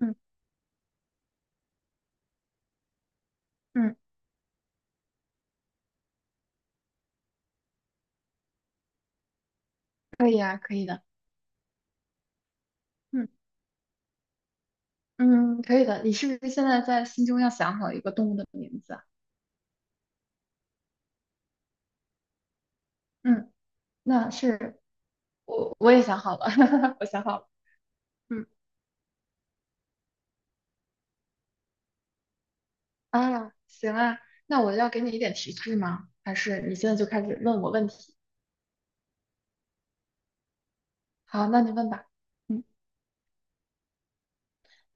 嗯嗯，可以啊，可以的，嗯嗯，可以的。你是不是现在在心中要想好一个动物的名字啊？嗯，那是我也想好了，我想好了。嗯啊，行啊，那我要给你一点提示吗？还是你现在就开始问我问题？好，那你问吧。嗯，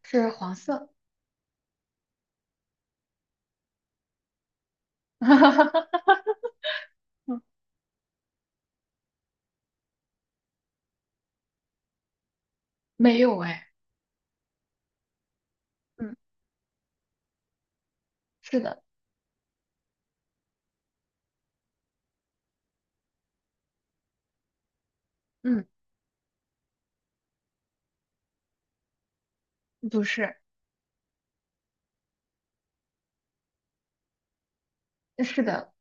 是黄色。嗯，没有哎。嗯，是的。嗯，不是，是的。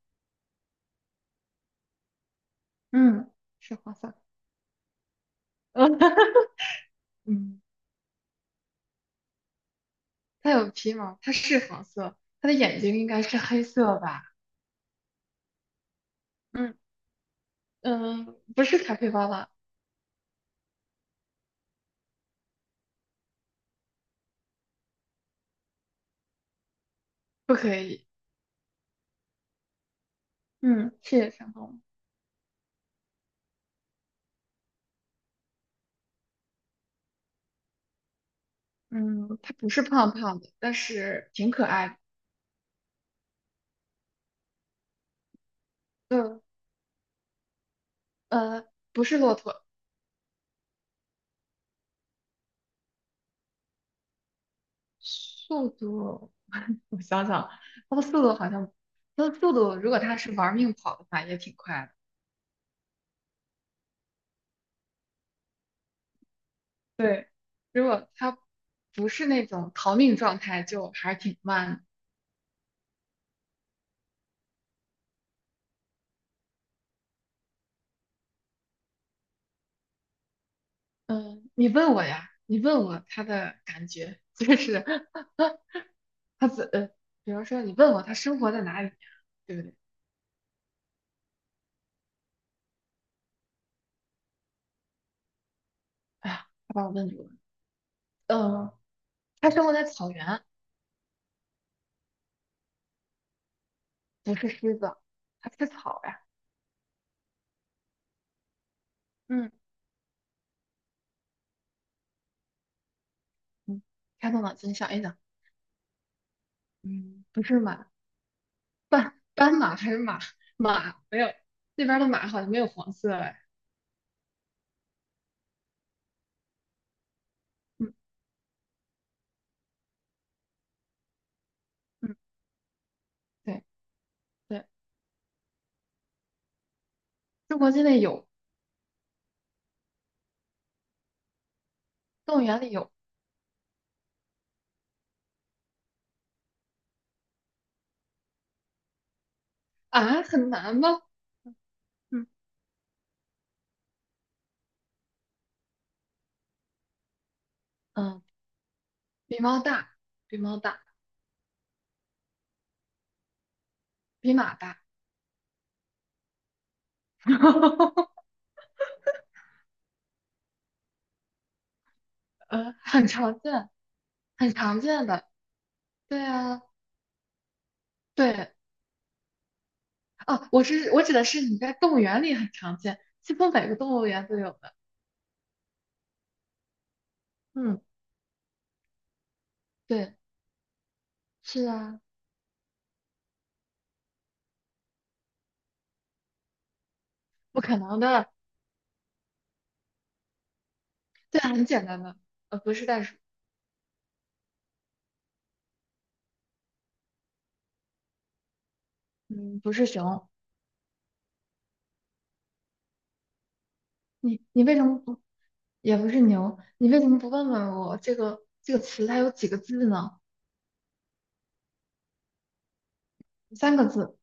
嗯，是黄色。嗯。它有皮毛，它是黄色，它的眼睛应该是黑色吧？嗯嗯，不是卡皮巴拉，不可以。嗯，谢谢生动物。嗯，它不是胖胖的，但是挺可爱的。呃呃，不是骆驼，速度，我想想，它的速度好像，它的速度，如果它是玩命跑的话，也挺快的。对，如果它不是那种逃命状态，就还是挺慢的。嗯，你问我呀，你问我他的感觉，就是 他怎，呃，比如说你问我他生活在哪里呀，对不对？哎呀，他把我问住了。嗯，他生活在草原，不是狮子，他吃草呀。嗯嗯，开动脑筋想一想，嗯，不是马，斑马还是马没有，那边儿的马好像没有黄色哎。嗯嗯，对对，中国境内有，动物园里有啊，很难吗？嗯，嗯，比猫大，比猫大，比马大，很常见，很常见的。对啊，对，哦，我指的是你在动物园里很常见，几乎每个动物园都有的。嗯，对，是啊，不可能的。对啊，很简单的，不是袋鼠，嗯，不是熊，你为什么不，也不是牛，你为什么不问问我这个词它有几个字呢？三个字，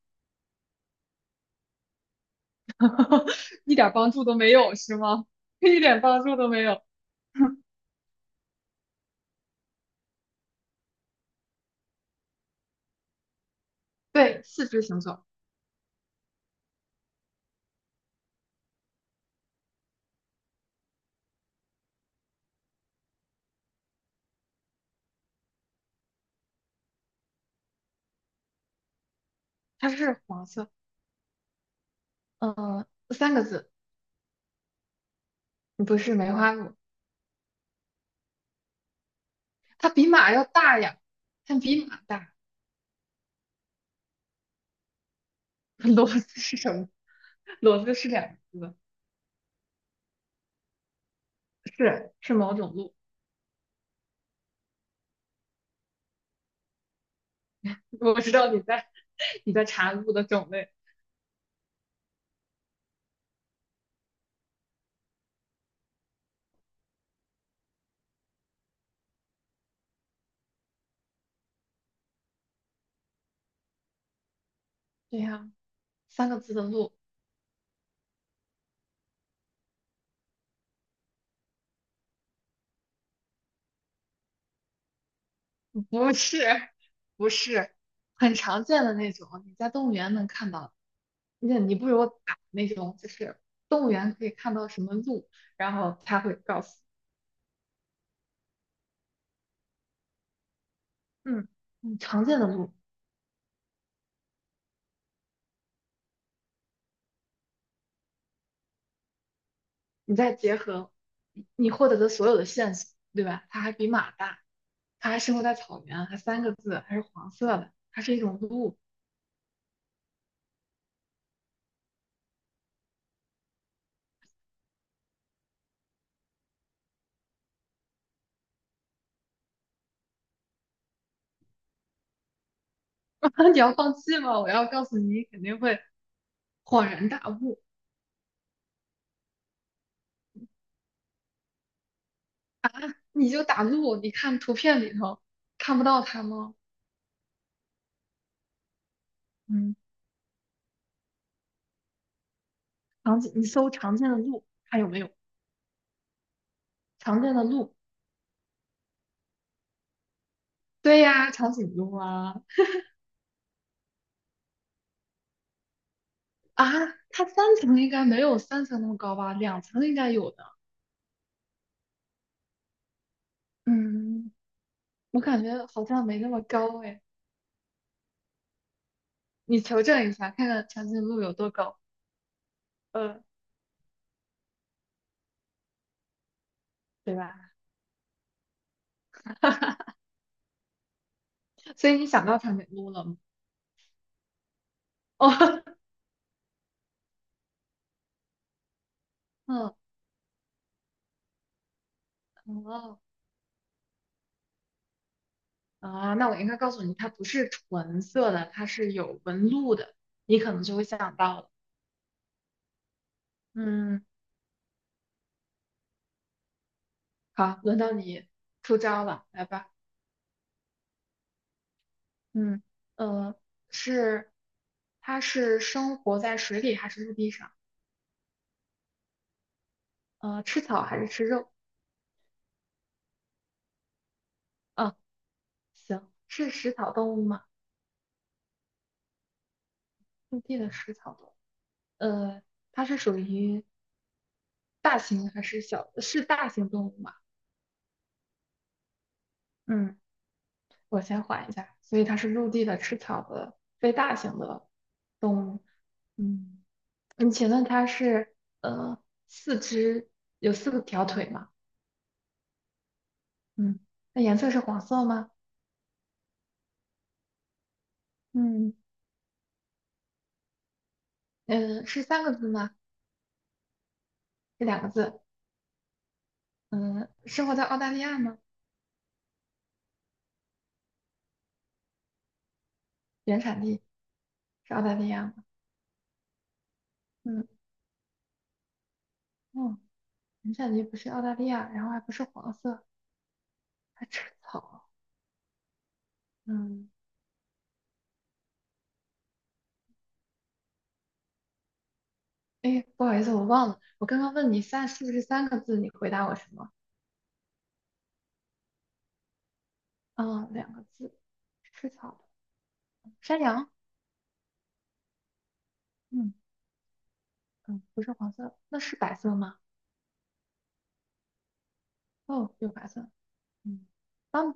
一点儿帮助都没有是吗？一点帮助都没有。对，四肢行走，它是黄色，嗯，三个字，不是梅花鹿，它比马要大呀，它比马大。骡子是什么？骡子是两个字，是某种鹿。我知道你在 你在查鹿的种类。对呀，三个字的鹿，不是不是，很常见的那种，你在动物园能看到。那你不如打那种，就是动物园可以看到什么鹿，然后他会告诉。嗯常见的路，你再结合你获得的所有的线索，对吧？它还比马大，它还生活在草原，还三个字，还是黄色的，它是一种鹿。你要放弃吗？我要告诉你，你肯定会恍然大悟。你就打鹿，你看图片里头看不到它吗？嗯，长颈，你搜常见的鹿，看有没有常见的鹿。对呀，长颈鹿啊啊，它三层应该没有三层那么高吧？两层应该有的。嗯，我感觉好像没那么高哎，你求证一下，看看长颈鹿有多高，呃，对吧？所以你想到长颈鹿了吗？哦，嗯，哦，啊，那我应该告诉你，它不是纯色的，它是有纹路的，你可能就会想到了。嗯，好，轮到你出招了，来吧。嗯，呃，是，它是生活在水里还是陆地上？吃草还是吃肉？啊，行，是食草动物吗？陆地的食草动物。呃，它是属于大型还是小？是大型动物吗？嗯，我先缓一下，所以它是陆地的、吃草的、非大型的动物。嗯，你请问它是呃四肢有四个条腿吗？嗯，那颜色是黄色吗？嗯，嗯，是三个字吗？这两个字？嗯，生活在澳大利亚吗？原产地是澳大利亚吗？嗯，哦，原产地不是澳大利亚，然后还不是黄色，还吃草。嗯。哎，不好意思，我忘了，我刚刚问你是不是三个字，你回答我什么？啊，两个字，吃草的山羊，嗯嗯，不是黄色，那是白色吗？哦，有白色，嗯，斑，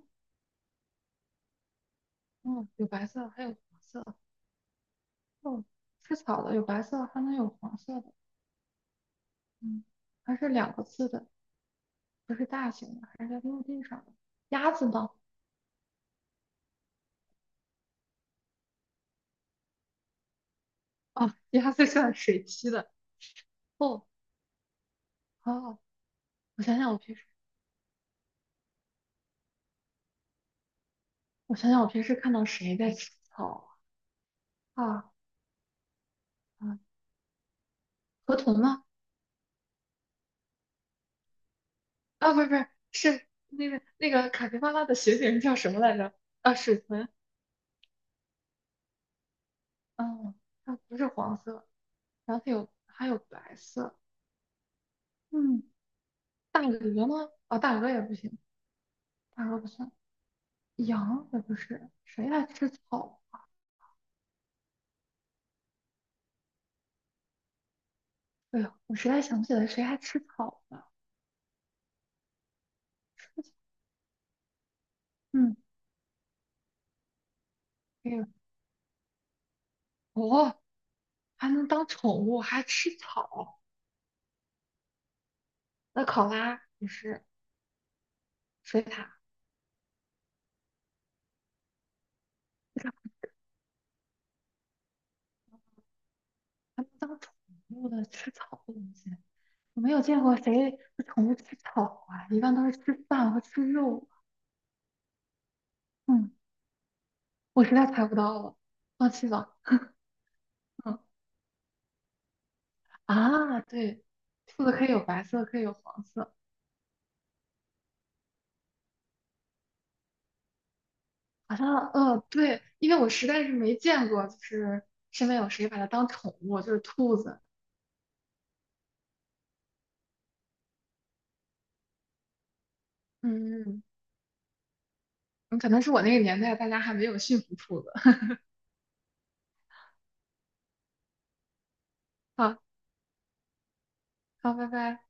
嗯，有白色，还有黄色，哦，吃草的有白色，还能有黄色的，嗯，还是两个字的，不是大型的，还是在陆地上的。鸭子呢？哦，鸭子算水栖的，哦好。我想想我平时，我想想我平时看到谁在吃草啊？啊嗯河豚吗？啊，不是不是，是那个卡皮巴拉的学名叫什么来着？啊，水豚。嗯，它不是黄色，然后它还有白色。嗯，大鹅吗？啊，大鹅也不行，大鹅不算。羊也不是，谁还吃草？哎呀，我实在想不起来谁还吃草了。嗯，哎呦，哦，还能当宠物，还吃草？那考拉也是水獭，不是还能当宠物的吃草的东西？我没有见过谁的宠物吃草啊，一般都是吃饭和吃肉。嗯，我实在猜不到了，放弃吧。嗯啊，对，兔子可以有白色，可以有黄色，好像对，因为我实在是没见过，就是身边有谁把它当宠物，就是兔子。嗯嗯，嗯可能是我那个年代大家还没有驯服兔子。好，好，拜拜。